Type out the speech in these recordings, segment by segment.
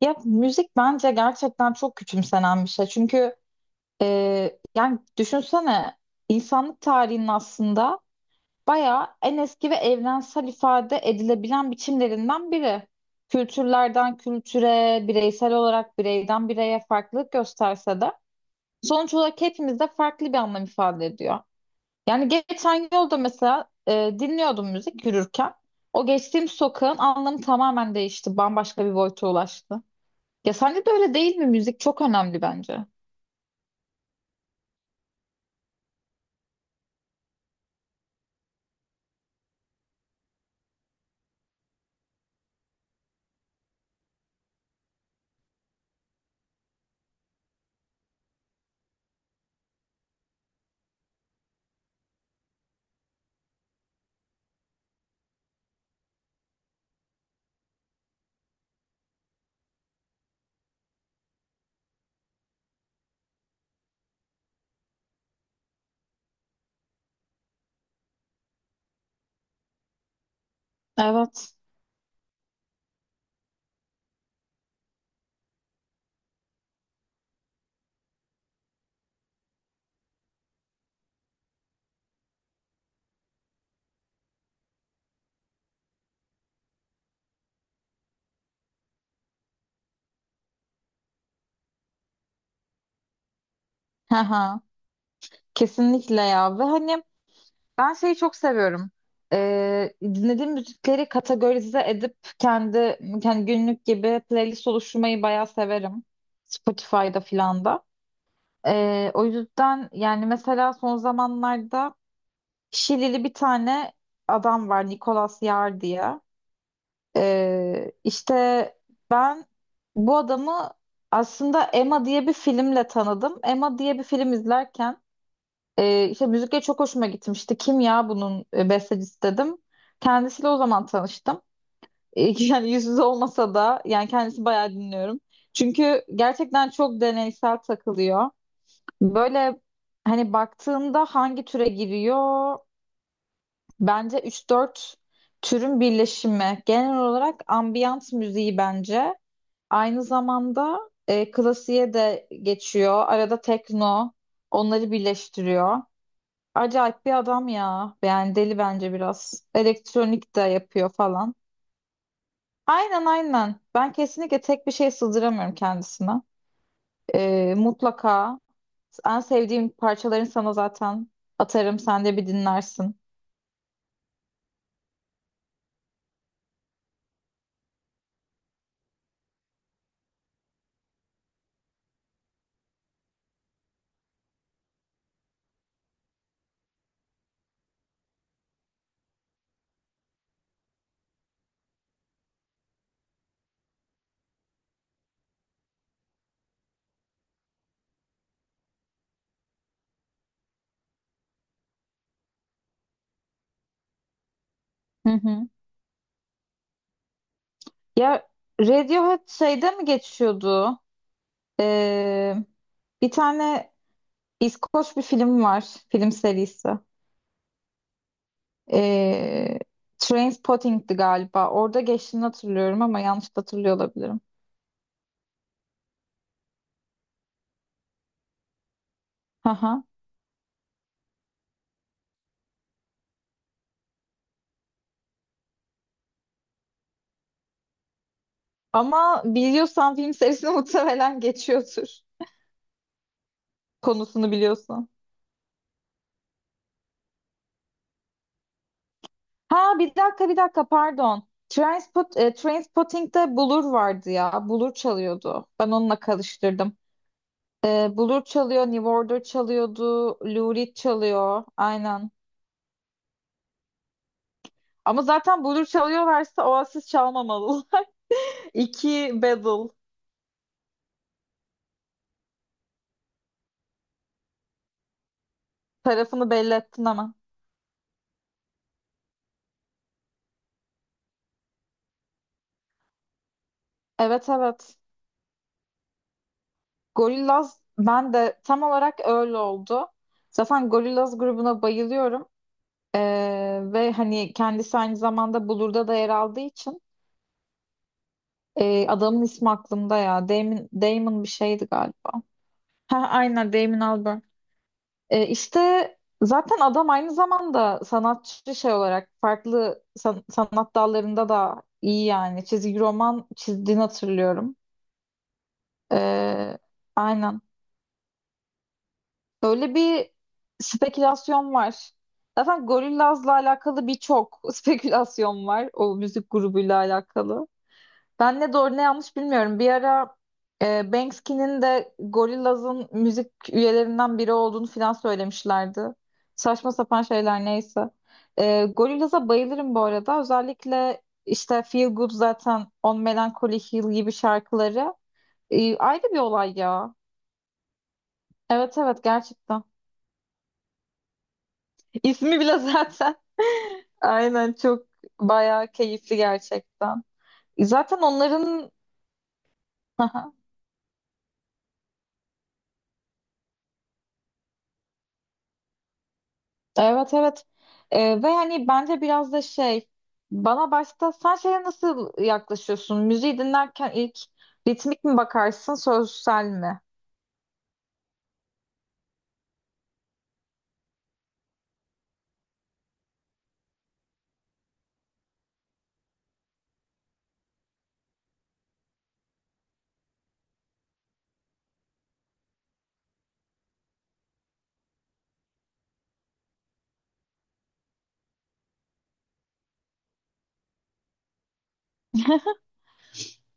Ya müzik bence gerçekten çok küçümsenen bir şey. Çünkü yani düşünsene insanlık tarihinin aslında bayağı en eski ve evrensel ifade edilebilen biçimlerinden biri. Kültürlerden kültüre, bireysel olarak bireyden bireye farklılık gösterse de sonuç olarak hepimizde farklı bir anlam ifade ediyor. Yani geçen yolda mesela dinliyordum müzik yürürken. O geçtiğim sokağın anlamı tamamen değişti. Bambaşka bir boyuta ulaştı. Ya sence de öyle değil mi? Müzik çok önemli bence. Evet. Hı hı. Kesinlikle ya. Ve hani ben şeyi çok seviyorum. Dinlediğim müzikleri kategorize edip kendi günlük gibi playlist oluşturmayı bayağı severim. Spotify'da filan da. O yüzden yani mesela son zamanlarda Şilili bir tane adam var Nicolas Yar diye. İşte ben bu adamı aslında Emma diye bir filmle tanıdım. Emma diye bir film izlerken işte müzikle çok hoşuma gitmişti. Kim ya bunun bestecisi dedim. Kendisiyle o zaman tanıştım. Yani yüz yüze olmasa da yani kendisi bayağı dinliyorum. Çünkü gerçekten çok deneysel takılıyor. Böyle hani baktığında hangi türe giriyor? Bence üç dört türün birleşimi. Genel olarak ambiyans müziği bence. Aynı zamanda klasiğe de geçiyor. Arada tekno onları birleştiriyor. Acayip bir adam ya. Yani deli bence biraz. Elektronik de yapıyor falan. Aynen aynen. Ben kesinlikle tek bir şey sığdıramıyorum kendisine. E, mutlaka En sevdiğim parçalarını sana zaten atarım. Sen de bir dinlersin. Hı hı. Ya Radiohead şeyde mi geçiyordu? Ee, Bir tane İskoç bir film var. Film serisi. Ee, Trainspotting'di galiba. Orada geçtiğini hatırlıyorum ama yanlış da hatırlıyor olabilirim. Aha. Ama biliyorsan film serisini muhtemelen geçiyordur. Konusunu biliyorsan. Ha, bir dakika pardon. Trainspotting'de Blur vardı ya. Blur çalıyordu. Ben onunla karıştırdım. Blur çalıyor, New Order çalıyordu, Lou Reed çalıyor. Aynen. Ama zaten Blur çalıyorlarsa Oasis çalmamalı. İki battle tarafını belli ettin ama. Evet evet. Gorillaz ben de tam olarak öyle oldu. Zaten Gorillaz grubuna bayılıyorum. E, Ve hani kendisi aynı zamanda Blur'da da yer aldığı için adamın ismi aklımda ya. Damon bir şeydi galiba. Ha, aynen Damon Albarn. İşte zaten adam aynı zamanda sanatçı şey olarak farklı sanat dallarında da iyi yani. Çizgi roman çizdiğini hatırlıyorum. Ee, aynen. Böyle bir spekülasyon var. Zaten Gorillaz'la alakalı birçok spekülasyon var. O müzik grubuyla alakalı. Ben ne doğru ne yanlış bilmiyorum. Bir ara Banksy'nin de Gorillaz'ın müzik üyelerinden biri olduğunu falan söylemişlerdi. Saçma sapan şeyler neyse. Gorillaz'a bayılırım bu arada. Özellikle işte Feel Good zaten On Melancholy Hill gibi şarkıları. Ayrı bir olay ya. Evet evet gerçekten. İsmi bile zaten. Aynen çok bayağı keyifli gerçekten. Zaten onların evet evet. Ve hani bence biraz da şey, bana başta sen şeye nasıl yaklaşıyorsun? Müziği dinlerken ilk ritmik mi bakarsın sözsel mi?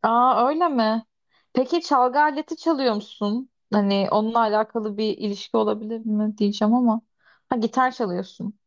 Aa öyle mi? Peki çalgı aleti çalıyor musun? Hani onunla alakalı bir ilişki olabilir mi diyeceğim ama. Ha gitar çalıyorsun.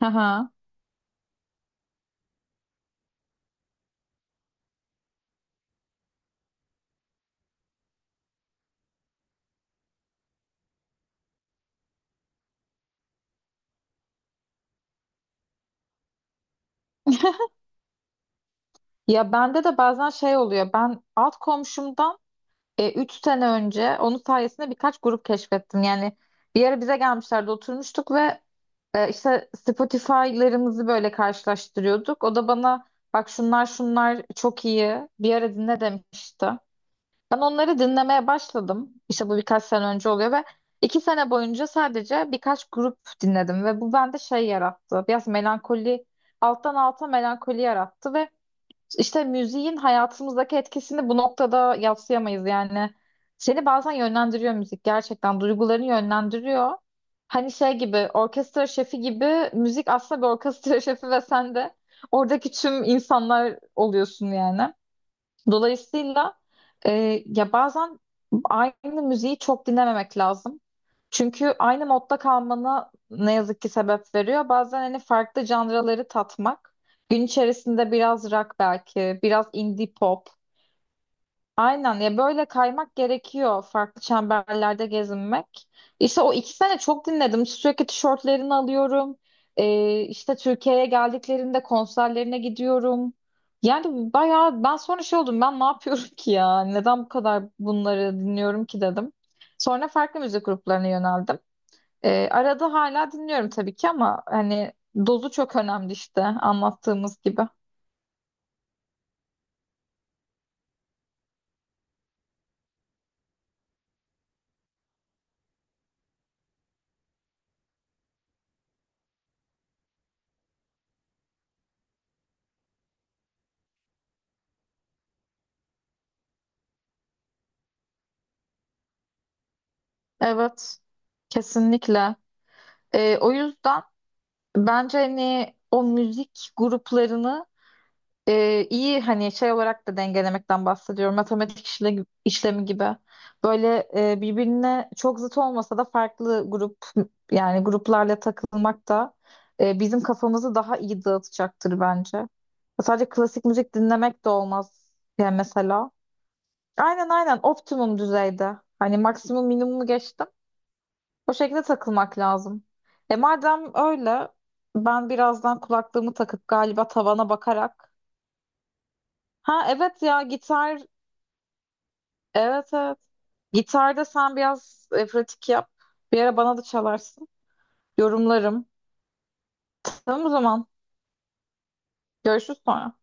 Aha. Ya bende de bazen şey oluyor. Ben alt komşumdan 3 sene önce onun sayesinde birkaç grup keşfettim. Yani bir ara bize gelmişlerdi oturmuştuk ve işte Spotify'larımızı böyle karşılaştırıyorduk. O da bana bak şunlar şunlar çok iyi bir ara dinle demişti. Ben onları dinlemeye başladım. İşte bu birkaç sene önce oluyor ve iki sene boyunca sadece birkaç grup dinledim ve bu bende şey yarattı. Biraz melankoli, alttan alta melankoli yarattı ve işte müziğin hayatımızdaki etkisini bu noktada yadsıyamayız yani. Seni bazen yönlendiriyor müzik gerçekten duygularını yönlendiriyor. Hani şey gibi orkestra şefi gibi müzik aslında bir orkestra şefi ve sen de oradaki tüm insanlar oluyorsun yani. Dolayısıyla ya bazen aynı müziği çok dinlememek lazım. Çünkü aynı modda kalmana ne yazık ki sebep veriyor. Bazen hani farklı janraları tatmak. Gün içerisinde biraz rock belki, biraz indie pop. Aynen ya böyle kaymak gerekiyor farklı çemberlerde gezinmek. İşte o iki sene çok dinledim. Sürekli tişörtlerini alıyorum. İşte Türkiye'ye geldiklerinde konserlerine gidiyorum. Yani bayağı ben sonra şey oldum, ben ne yapıyorum ki ya? Neden bu kadar bunları dinliyorum ki dedim. Sonra farklı müzik gruplarına yöneldim. Arada hala dinliyorum tabii ki ama hani dozu çok önemli işte anlattığımız gibi. Evet kesinlikle. O yüzden... Bence hani o müzik gruplarını iyi hani şey olarak da dengelemekten bahsediyorum. Matematik işlemi gibi. Böyle birbirine çok zıt olmasa da farklı grup, yani gruplarla takılmak da bizim kafamızı daha iyi dağıtacaktır bence. Sadece klasik müzik dinlemek de olmaz yani mesela. Aynen aynen optimum düzeyde. Hani maksimum minimumu geçtim. O şekilde takılmak lazım. E madem öyle ben birazdan kulaklığımı takıp galiba tavana bakarak. Ha evet ya gitar. Evet evet. Gitarda sen biraz pratik yap. Bir ara bana da çalarsın. Yorumlarım. Tamam o zaman. Görüşürüz sonra.